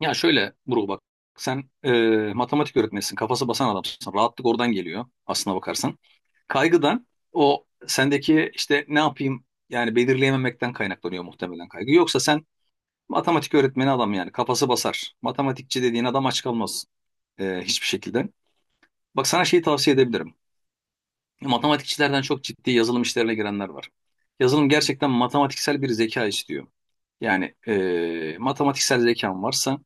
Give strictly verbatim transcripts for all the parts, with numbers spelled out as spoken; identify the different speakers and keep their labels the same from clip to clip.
Speaker 1: Ya şöyle Buruk, bak sen e, matematik öğretmenisin, kafası basan adamsın, rahatlık oradan geliyor aslına bakarsan. Kaygıdan o sendeki işte ne yapayım yani belirleyememekten kaynaklanıyor muhtemelen kaygı. Yoksa sen matematik öğretmeni adam, yani kafası basar, matematikçi dediğin adam aç kalmaz e, hiçbir şekilde. Bak, sana şeyi tavsiye edebilirim. Matematikçilerden çok ciddi yazılım işlerine girenler var. Yazılım gerçekten matematiksel bir zeka istiyor. Yani e, matematiksel zekan varsa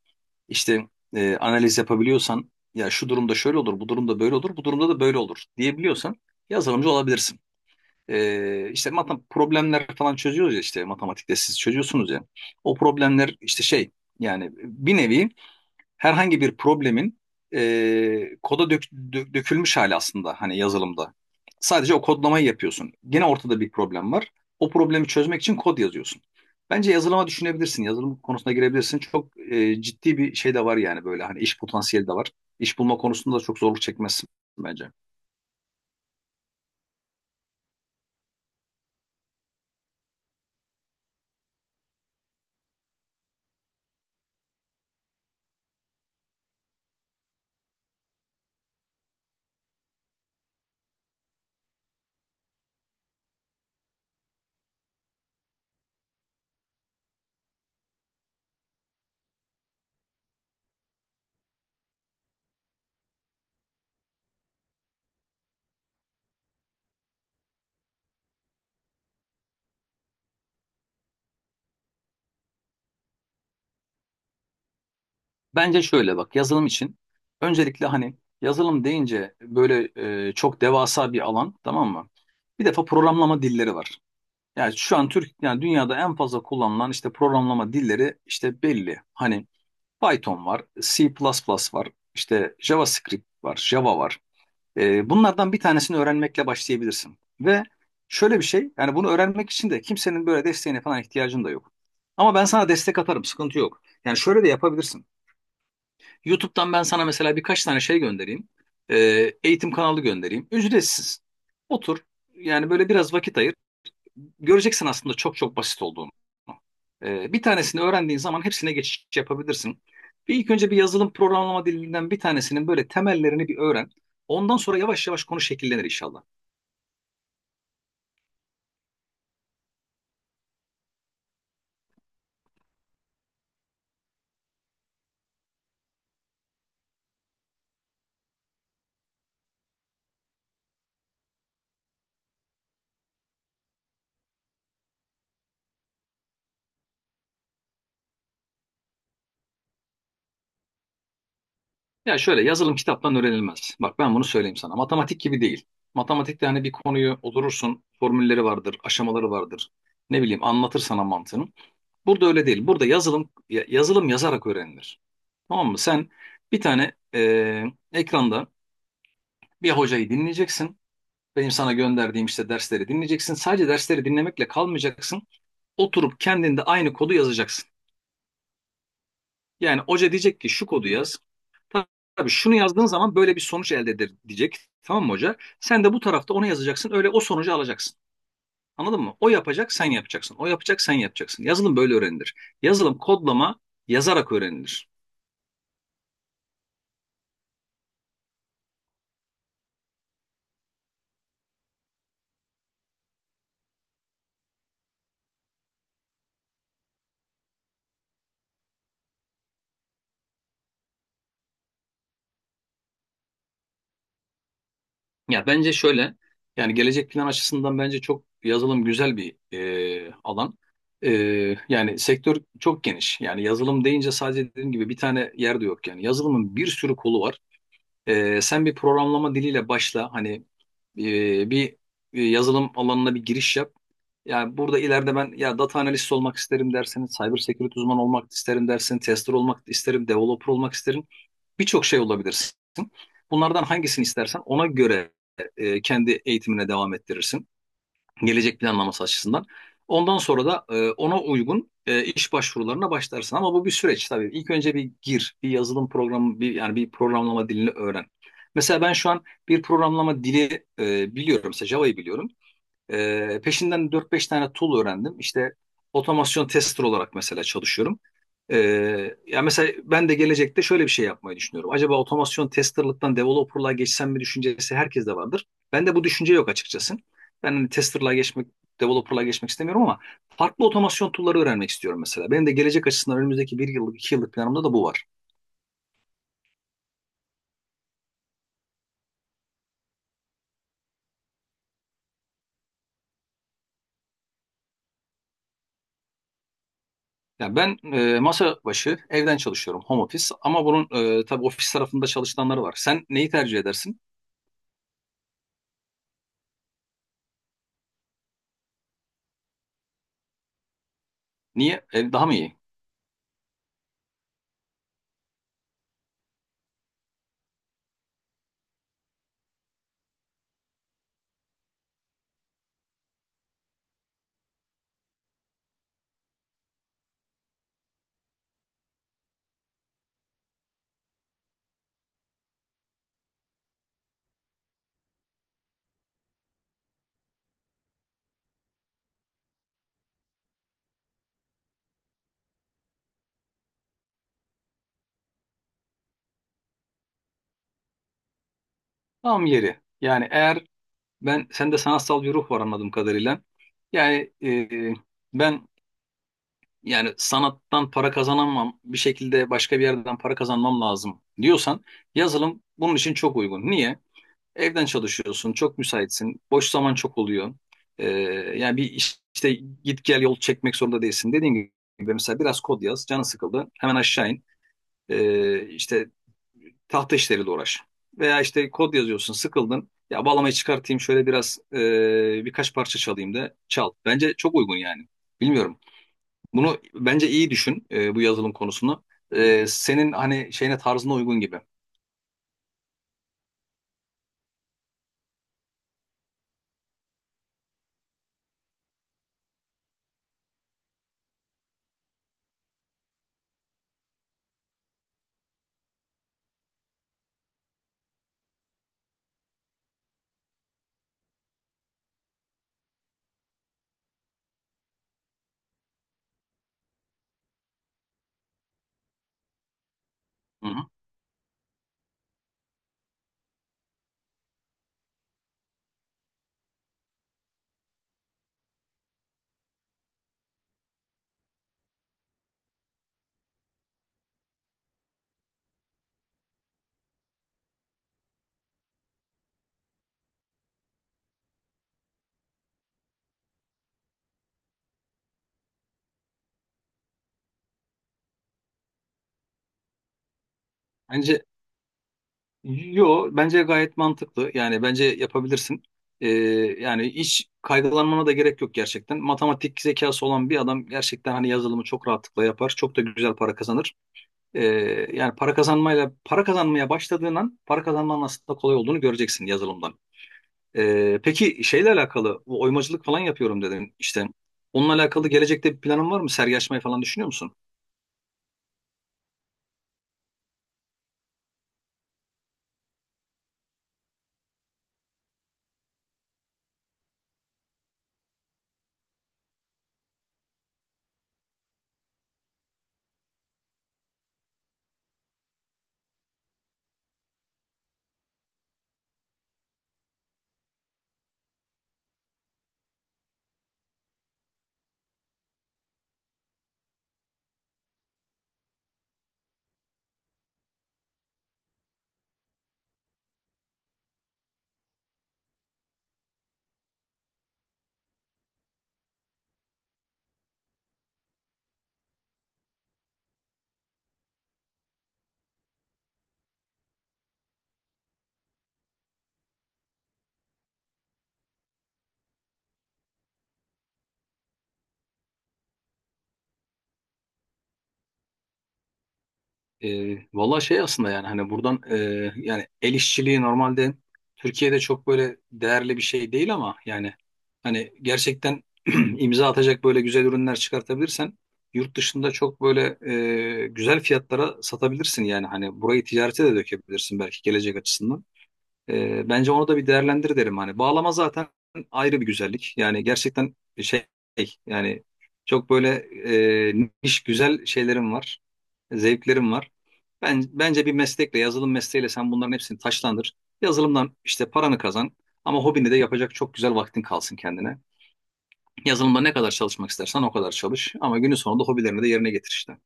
Speaker 1: işte e, analiz yapabiliyorsan, ya şu durumda şöyle olur, bu durumda böyle olur, bu durumda da böyle olur diyebiliyorsan yazılımcı olabilirsin. E, işte matem problemler falan çözüyoruz ya, işte matematikte siz çözüyorsunuz ya. O problemler işte şey, yani bir nevi herhangi bir problemin e, koda dök- dö- dökülmüş hali aslında hani yazılımda. Sadece o kodlamayı yapıyorsun. Gene ortada bir problem var. O problemi çözmek için kod yazıyorsun. Bence yazılıma düşünebilirsin. Yazılım konusuna girebilirsin. Çok e, ciddi bir şey de var, yani böyle hani iş potansiyeli de var. İş bulma konusunda da çok zorluk çekmezsin bence. Bence şöyle bak, yazılım için öncelikle hani yazılım deyince böyle e, çok devasa bir alan, tamam mı? Bir defa programlama dilleri var. Yani şu an Türk, yani dünyada en fazla kullanılan işte programlama dilleri işte belli. Hani Python var, C artı artı var, işte JavaScript var, Java var. Ee, bunlardan bir tanesini öğrenmekle başlayabilirsin. Ve şöyle bir şey, yani bunu öğrenmek için de kimsenin böyle desteğine falan ihtiyacın da yok. Ama ben sana destek atarım, sıkıntı yok. Yani şöyle de yapabilirsin. YouTube'dan ben sana mesela birkaç tane şey göndereyim. Ee, eğitim kanalı göndereyim. Ücretsiz. Otur, yani böyle biraz vakit ayır, göreceksin aslında çok çok basit olduğunu. Ee, bir tanesini öğrendiğin zaman hepsine geçiş yapabilirsin. Bir ilk önce bir yazılım programlama dilinden bir tanesinin böyle temellerini bir öğren. Ondan sonra yavaş yavaş konu şekillenir inşallah. Ya şöyle, yazılım kitaptan öğrenilmez. Bak, ben bunu söyleyeyim sana. Matematik gibi değil. Matematikte hani bir konuyu oturursun, formülleri vardır, aşamaları vardır. Ne bileyim, anlatır sana mantığını. Burada öyle değil. Burada yazılım ya- yazılım yazarak öğrenilir. Tamam mı? Sen bir tane e, ekranda bir hocayı dinleyeceksin. Benim sana gönderdiğim işte dersleri dinleyeceksin. Sadece dersleri dinlemekle kalmayacaksın. Oturup kendinde aynı kodu yazacaksın. Yani hoca diyecek ki şu kodu yaz. Ta- Tabii şunu yazdığın zaman böyle bir sonuç elde eder diyecek. Tamam mı hoca? Sen de bu tarafta onu yazacaksın. Öyle o sonucu alacaksın. Anladın mı? O yapacak, sen yapacaksın. O yapacak, sen yapacaksın. Yazılım böyle öğrenilir. Yazılım kodlama yazarak öğrenilir. Ya bence şöyle, yani gelecek plan açısından bence çok yazılım güzel bir e, alan. E, yani sektör çok geniş. Yani yazılım deyince sadece dediğim gibi bir tane yer de yok yani. Yazılımın bir sürü kolu var. Ee, sen bir programlama diliyle başla. Hani e, bir e, yazılım alanına bir giriş yap. Yani burada ileride ben ya data analist olmak isterim dersin, cyber security uzmanı olmak isterim dersin, tester olmak isterim, developer olmak isterim. Birçok şey olabilirsin. Bunlardan hangisini istersen ona göre e, kendi eğitimine devam ettirirsin gelecek planlaması açısından. Ondan sonra da e, ona uygun e, iş başvurularına başlarsın. Ama bu bir süreç tabii. İlk önce bir gir, bir yazılım programı, bir yani bir programlama dilini öğren. Mesela ben şu an bir programlama dili e, biliyorum. Mesela Java'yı biliyorum. Ee, peşinden dört beş tane tool öğrendim. İşte otomasyon tester olarak mesela çalışıyorum. Ee, ya mesela ben de gelecekte şöyle bir şey yapmayı düşünüyorum. Acaba otomasyon testerlıktan developerlığa geçsem mi düşüncesi herkeste vardır. Bende bu düşünce yok açıkçası. Ben hani testerlığa geçmek, developerlığa geçmek istemiyorum ama farklı otomasyon tool'ları öğrenmek istiyorum mesela. Benim de gelecek açısından önümüzdeki bir yıllık, iki yıllık planımda da bu var. Yani ben e, masa başı evden çalışıyorum, home office. Ama bunun e, tabii ofis tarafında çalışanları var. Sen neyi tercih edersin? Niye? E, daha mı iyi? Tam yeri. Yani eğer ben, sende sanatsal bir ruh var anladığım kadarıyla. Yani e, ben, yani sanattan para kazanamam, bir şekilde başka bir yerden para kazanmam lazım diyorsan yazılım bunun için çok uygun. Niye? Evden çalışıyorsun, çok müsaitsin, boş zaman çok oluyor. E, yani bir iş- işte git gel yol çekmek zorunda değilsin. Dediğim gibi mesela biraz kod yaz, canın sıkıldı, hemen aşağı in. E, işte tahta işleriyle uğraş. Veya işte kod yazıyorsun, sıkıldın. Ya bağlamayı çıkartayım, şöyle biraz e, birkaç parça çalayım da çal. Bence çok uygun yani. Bilmiyorum. Bunu bence iyi düşün, e, bu yazılım konusunu. E, senin hani şeyine tarzına uygun gibi. Hı hı. Bence, yo bence gayet mantıklı. Yani bence yapabilirsin. E, yani hiç kaygılanmana da gerek yok gerçekten. Matematik zekası olan bir adam gerçekten hani yazılımı çok rahatlıkla yapar. Çok da güzel para kazanır. Ee, yani para kazanmayla, para kazanmaya başladığın an para kazanmanın aslında kolay olduğunu göreceksin yazılımdan. Ee, peki şeyle alakalı, bu oymacılık falan yapıyorum dedim işte. Onunla alakalı gelecekte bir planın var mı? Sergi açmayı falan düşünüyor musun? E, valla şey aslında, yani hani buradan e, yani el işçiliği normalde Türkiye'de çok böyle değerli bir şey değil ama yani hani gerçekten imza atacak böyle güzel ürünler çıkartabilirsen yurt dışında çok böyle e, güzel fiyatlara satabilirsin, yani hani burayı ticarete de dökebilirsin belki gelecek açısından. E, bence onu da bir değerlendir derim hani. Bağlama zaten ayrı bir güzellik. Yani gerçekten şey, yani çok böyle e, niş güzel şeylerim var. Zevklerim var. Ben, bence bir meslekle, yazılım mesleğiyle sen bunların hepsini taşlandır. Yazılımdan işte paranı kazan ama hobini de yapacak çok güzel vaktin kalsın kendine. Yazılımda ne kadar çalışmak istersen o kadar çalış ama günün sonunda hobilerini de yerine getir işte.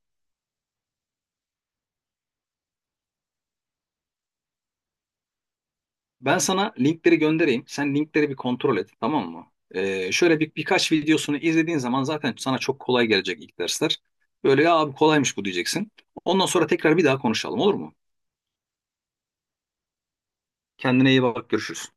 Speaker 1: Ben sana linkleri göndereyim. Sen linkleri bir kontrol et, tamam mı? Ee, şöyle bir birkaç videosunu izlediğin zaman zaten sana çok kolay gelecek ilk dersler. Böyle, ya abi kolaymış bu diyeceksin. Ondan sonra tekrar bir daha konuşalım, olur mu? Kendine iyi bak, görüşürüz.